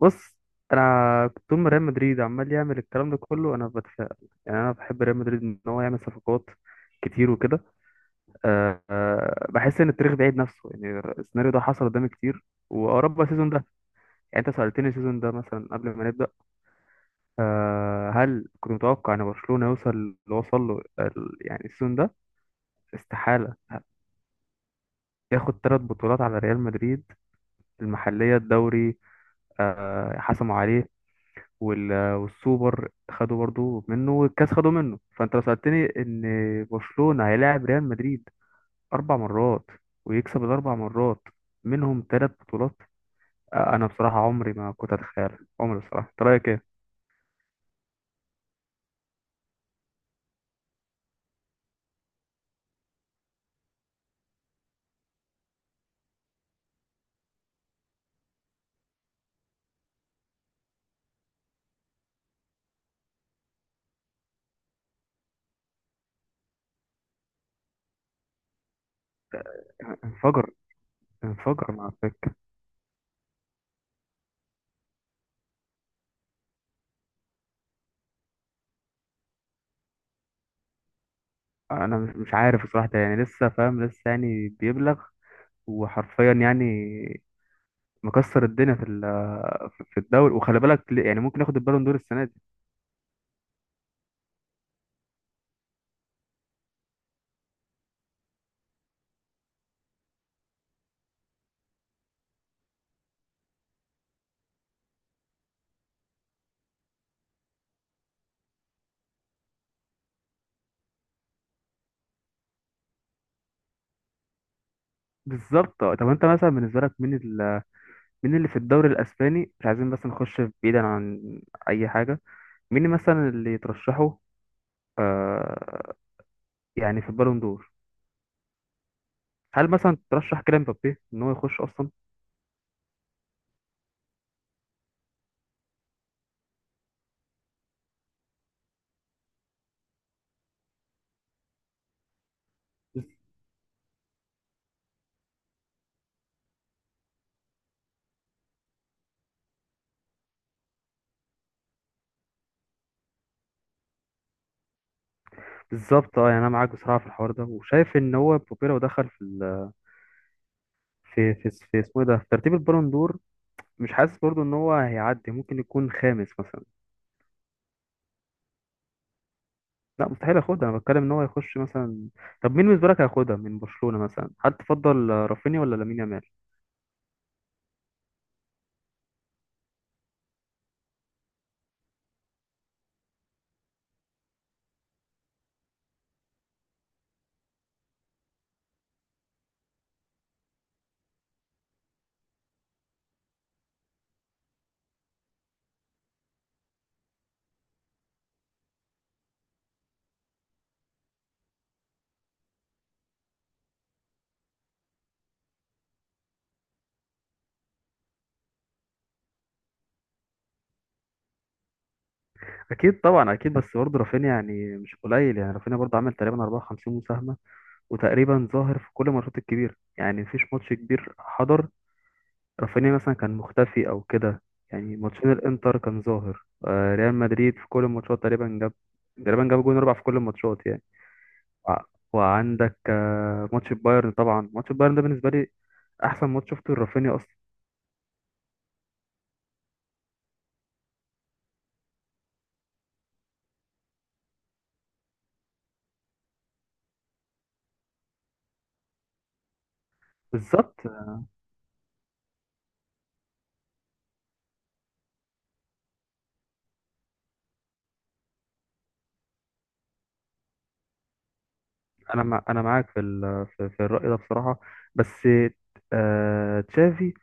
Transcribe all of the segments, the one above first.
بص، انا كنت طول ما ريال مدريد عمال يعمل الكلام ده كله انا بتفائل. يعني انا بحب ريال مدريد ان هو يعمل صفقات كتير وكده. أه آه، بحس ان التاريخ بيعيد نفسه، يعني السيناريو ده حصل قدامي كتير واوروبا السيزون ده. يعني انت سألتني السيزون ده مثلا قبل ما نبدأ، هل كنت متوقع ان برشلونة يوصل اللي وصل له يعني السيزون ده؟ استحالة ياخد ثلاث بطولات على ريال مدريد. المحلية، الدوري، حسموا عليه، والسوبر خدوا برضو منه، والكاس خدوا منه. فانت لو سألتني ان برشلونة هيلاعب ريال مدريد اربع مرات ويكسب الاربع مرات، منهم ثلاث بطولات، انا بصراحة عمري ما كنت اتخيل. عمري. بصراحة انت رايك ايه؟ انفجر. انفجر مع الفكرة. انا مش عارف بصراحة، ده يعني لسه فاهم، لسه يعني بيبلغ، وحرفيا يعني مكسر الدنيا في في الدوري. وخلي بالك، يعني ممكن ياخد البالون دور السنة دي. بالظبط. طب انت مثلا بالنسبة لك مين، مين في الدوري الاسباني، مش عايزين بس نخش بعيدا عن اي حاجه، مين مثلا اللي ترشحه آه يعني في البالون دور؟ هل مثلا ترشح كيليان مبابي ان هو يخش اصلا؟ بالظبط. اه يعني انا معاك بصراحه في الحوار ده، وشايف ان هو مبابي لو دخل في في في اسمه إيه ده، في ترتيب البالون دور، مش حاسس برضو ان هو هيعدي؟ ممكن يكون خامس مثلا. لا، مستحيل ياخدها، انا بتكلم ان هو يخش مثلا. طب مين بالنسبه لك هياخدها من برشلونه مثلا؟ هل تفضل رافينيا ولا لامين يامال؟ اكيد طبعا، اكيد. بس برضه رافينيا يعني مش قليل، يعني رافينيا برضه عمل تقريبا 54 مساهمه، وتقريبا ظاهر في كل الماتشات الكبيره. يعني مفيش ماتش كبير حضر رافينيا مثلا كان مختفي او كده. يعني ماتشين الانتر كان ظاهر، ريال مدريد في كل الماتشات تقريبا جاب، تقريبا جاب جون اربع في كل الماتشات يعني. وع- وعندك ماتش البايرن. طبعا ماتش البايرن ده بالنسبه لي احسن ماتش شفته لرافينيا اصلا. بالظبط. انا معاك في في الراي ده بصراحه. بس تشافي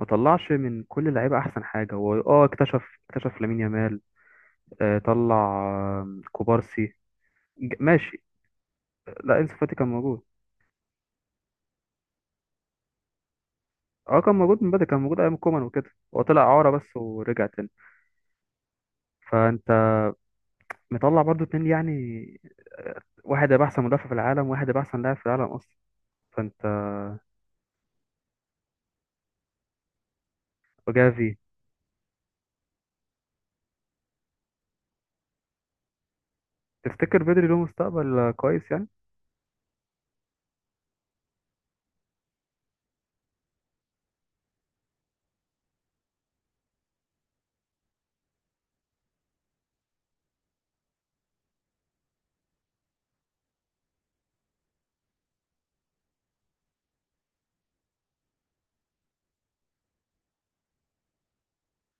ما طلعش من كل اللعيبه احسن حاجه، هو اه اكتشف لامين يامال، آه طلع آه كوبارسي. ماشي، لا انسو فاتي كان موجود. اه كان موجود من بدري، كان موجود ايام كومان وكده، هو طلع اعاره بس ورجع تاني. فانت مطلع برضو اتنين يعني، واحد هيبقى احسن مدافع في العالم، واحد هيبقى احسن لاعب في العالم اصلا. فانت وجافي. تفتكر بدري له مستقبل كويس يعني؟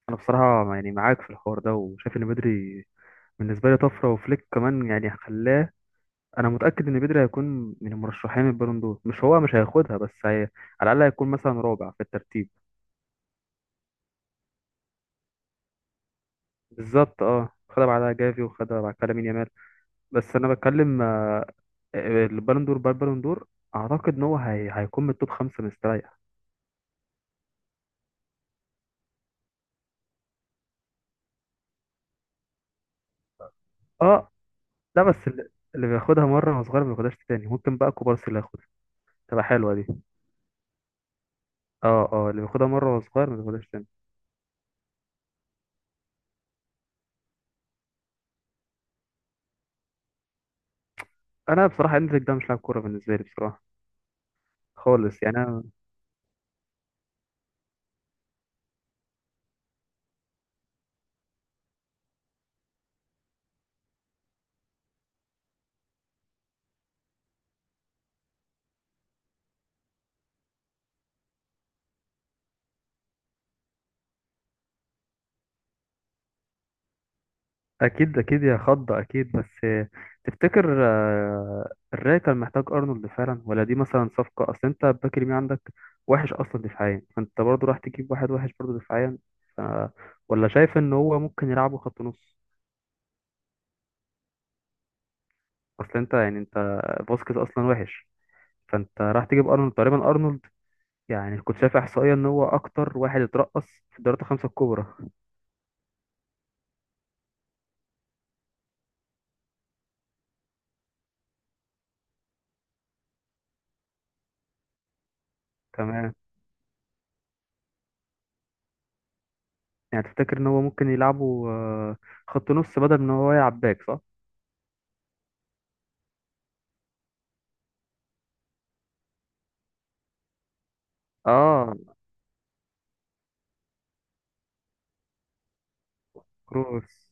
انا بصراحه يعني معاك في الحوار ده، وشايف ان بدري بالنسبه لي طفره، وفليك كمان يعني خلاه. انا متاكد ان بدري هيكون من المرشحين البالون دور، مش هو مش هياخدها بس على الاقل هيكون مثلا رابع في الترتيب. بالظبط. اه، خدها بعدها جافي، وخدها بعد كده مين يامال. بس انا بتكلم البالون دور بالبالون دور، اعتقد ان هو هيكون من التوب خمسه مستريح. اه لا، بس اللي اللي بياخدها مره وهو صغير ما بياخدهاش تاني. ممكن بقى كوبارسي اللي ياخدها، تبقى حلوه دي. اه اللي بياخدها مره وهو صغير ما بياخدهاش تاني. انا بصراحه اندريك ده مش لاعب كوره بالنسبه لي بصراحه، خالص يعني. انا اكيد، اكيد يا خض، اكيد. بس تفتكر الراي كان محتاج ارنولد فعلا ولا دي مثلا صفقه؟ اصل انت الباك اليمين عندك وحش اصلا دفاعيا، فانت برضو راح تجيب واحد وحش برضو دفاعيا، ف... ولا شايف ان هو ممكن يلعبه خط نص؟ اصل انت يعني انت، فاسكيز اصلا وحش، فانت راح تجيب ارنولد. تقريبا ارنولد يعني كنت شايف احصائيه ان هو اكتر واحد اترقص في الدوريات الخمسه الكبرى. كمان يعني تفتكر ان هو ممكن يلعبه خط نص بدل ان هو يلعب باك؟ صح. اه كروس.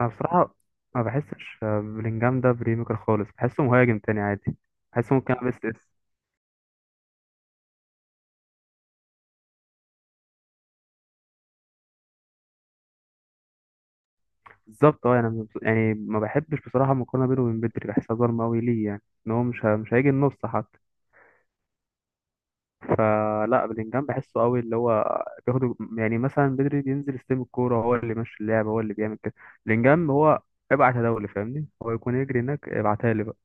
انا بصراحه ما بحسش بلينجهام ده بريميكر خالص، بحسه مهاجم تاني عادي، بحسه ممكن العب اس اس. بالظبط. اه يعني، يعني ما بحبش بصراحه المقارنه بينه وبين بدري، بحسها ظالمه قوي ليه يعني. ان هو مش هيجي النص حتى. فلا، بلينجهام بحسه قوي، اللي هو بياخد يعني. مثلا بدري بينزل يستلم الكوره، هو اللي ماشي اللعب، هو اللي بيعمل كده. بلينجهام هو ابعت يا دولي، فاهمني؟ هو يكون يجري هناك، ابعتها لي بقى.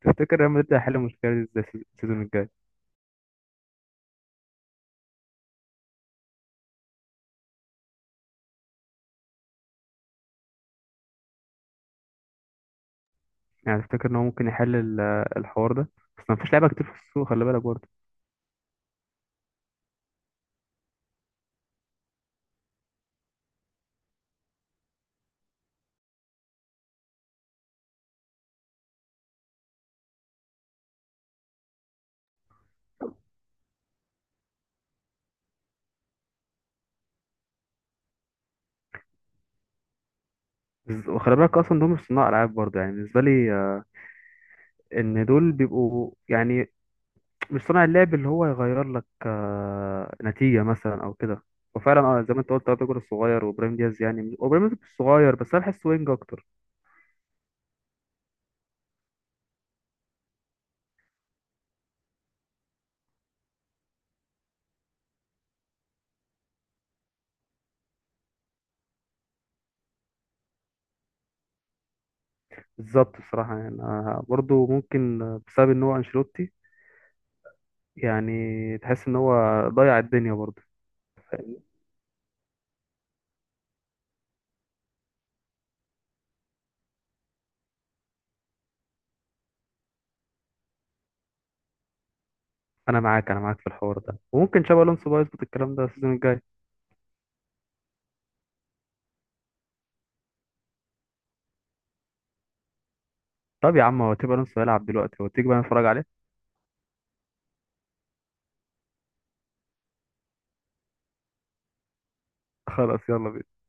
تفتكر ريال مدريد هيحل المشكله دي ازاي السيزون الجاي؟ يعني تفتكر ان هو ممكن يحل الحوار ده؟ بس ما فيش لعيبه كتير في السوق، خلي بالك برضه. وخلي بالك اصلا دول مش صناع العاب برضه، يعني بالنسبه لي ان دول بيبقوا يعني مش صناع اللعب اللي هو يغير لك نتيجه مثلا او كده. وفعلا اه، زي ما انت قلت، ابيجر الصغير وابراهيم دياز. يعني وابراهيم دياز مش صغير، بس انا بحس وينج اكتر. بالظبط. بصراحه يعني أنا برضه ممكن بسبب ان هو انشيلوتي، يعني تحس ان هو ضيع الدنيا برضه. انا معاك، انا معاك في الحوار ده. وممكن شابي الونسو بقى يظبط الكلام ده السيزون الجاي. طب يا عم، هو تيبي الونسو هيلعب دلوقتي، هو تيجي بقى نتفرج عليه؟ خلاص يلا بينا.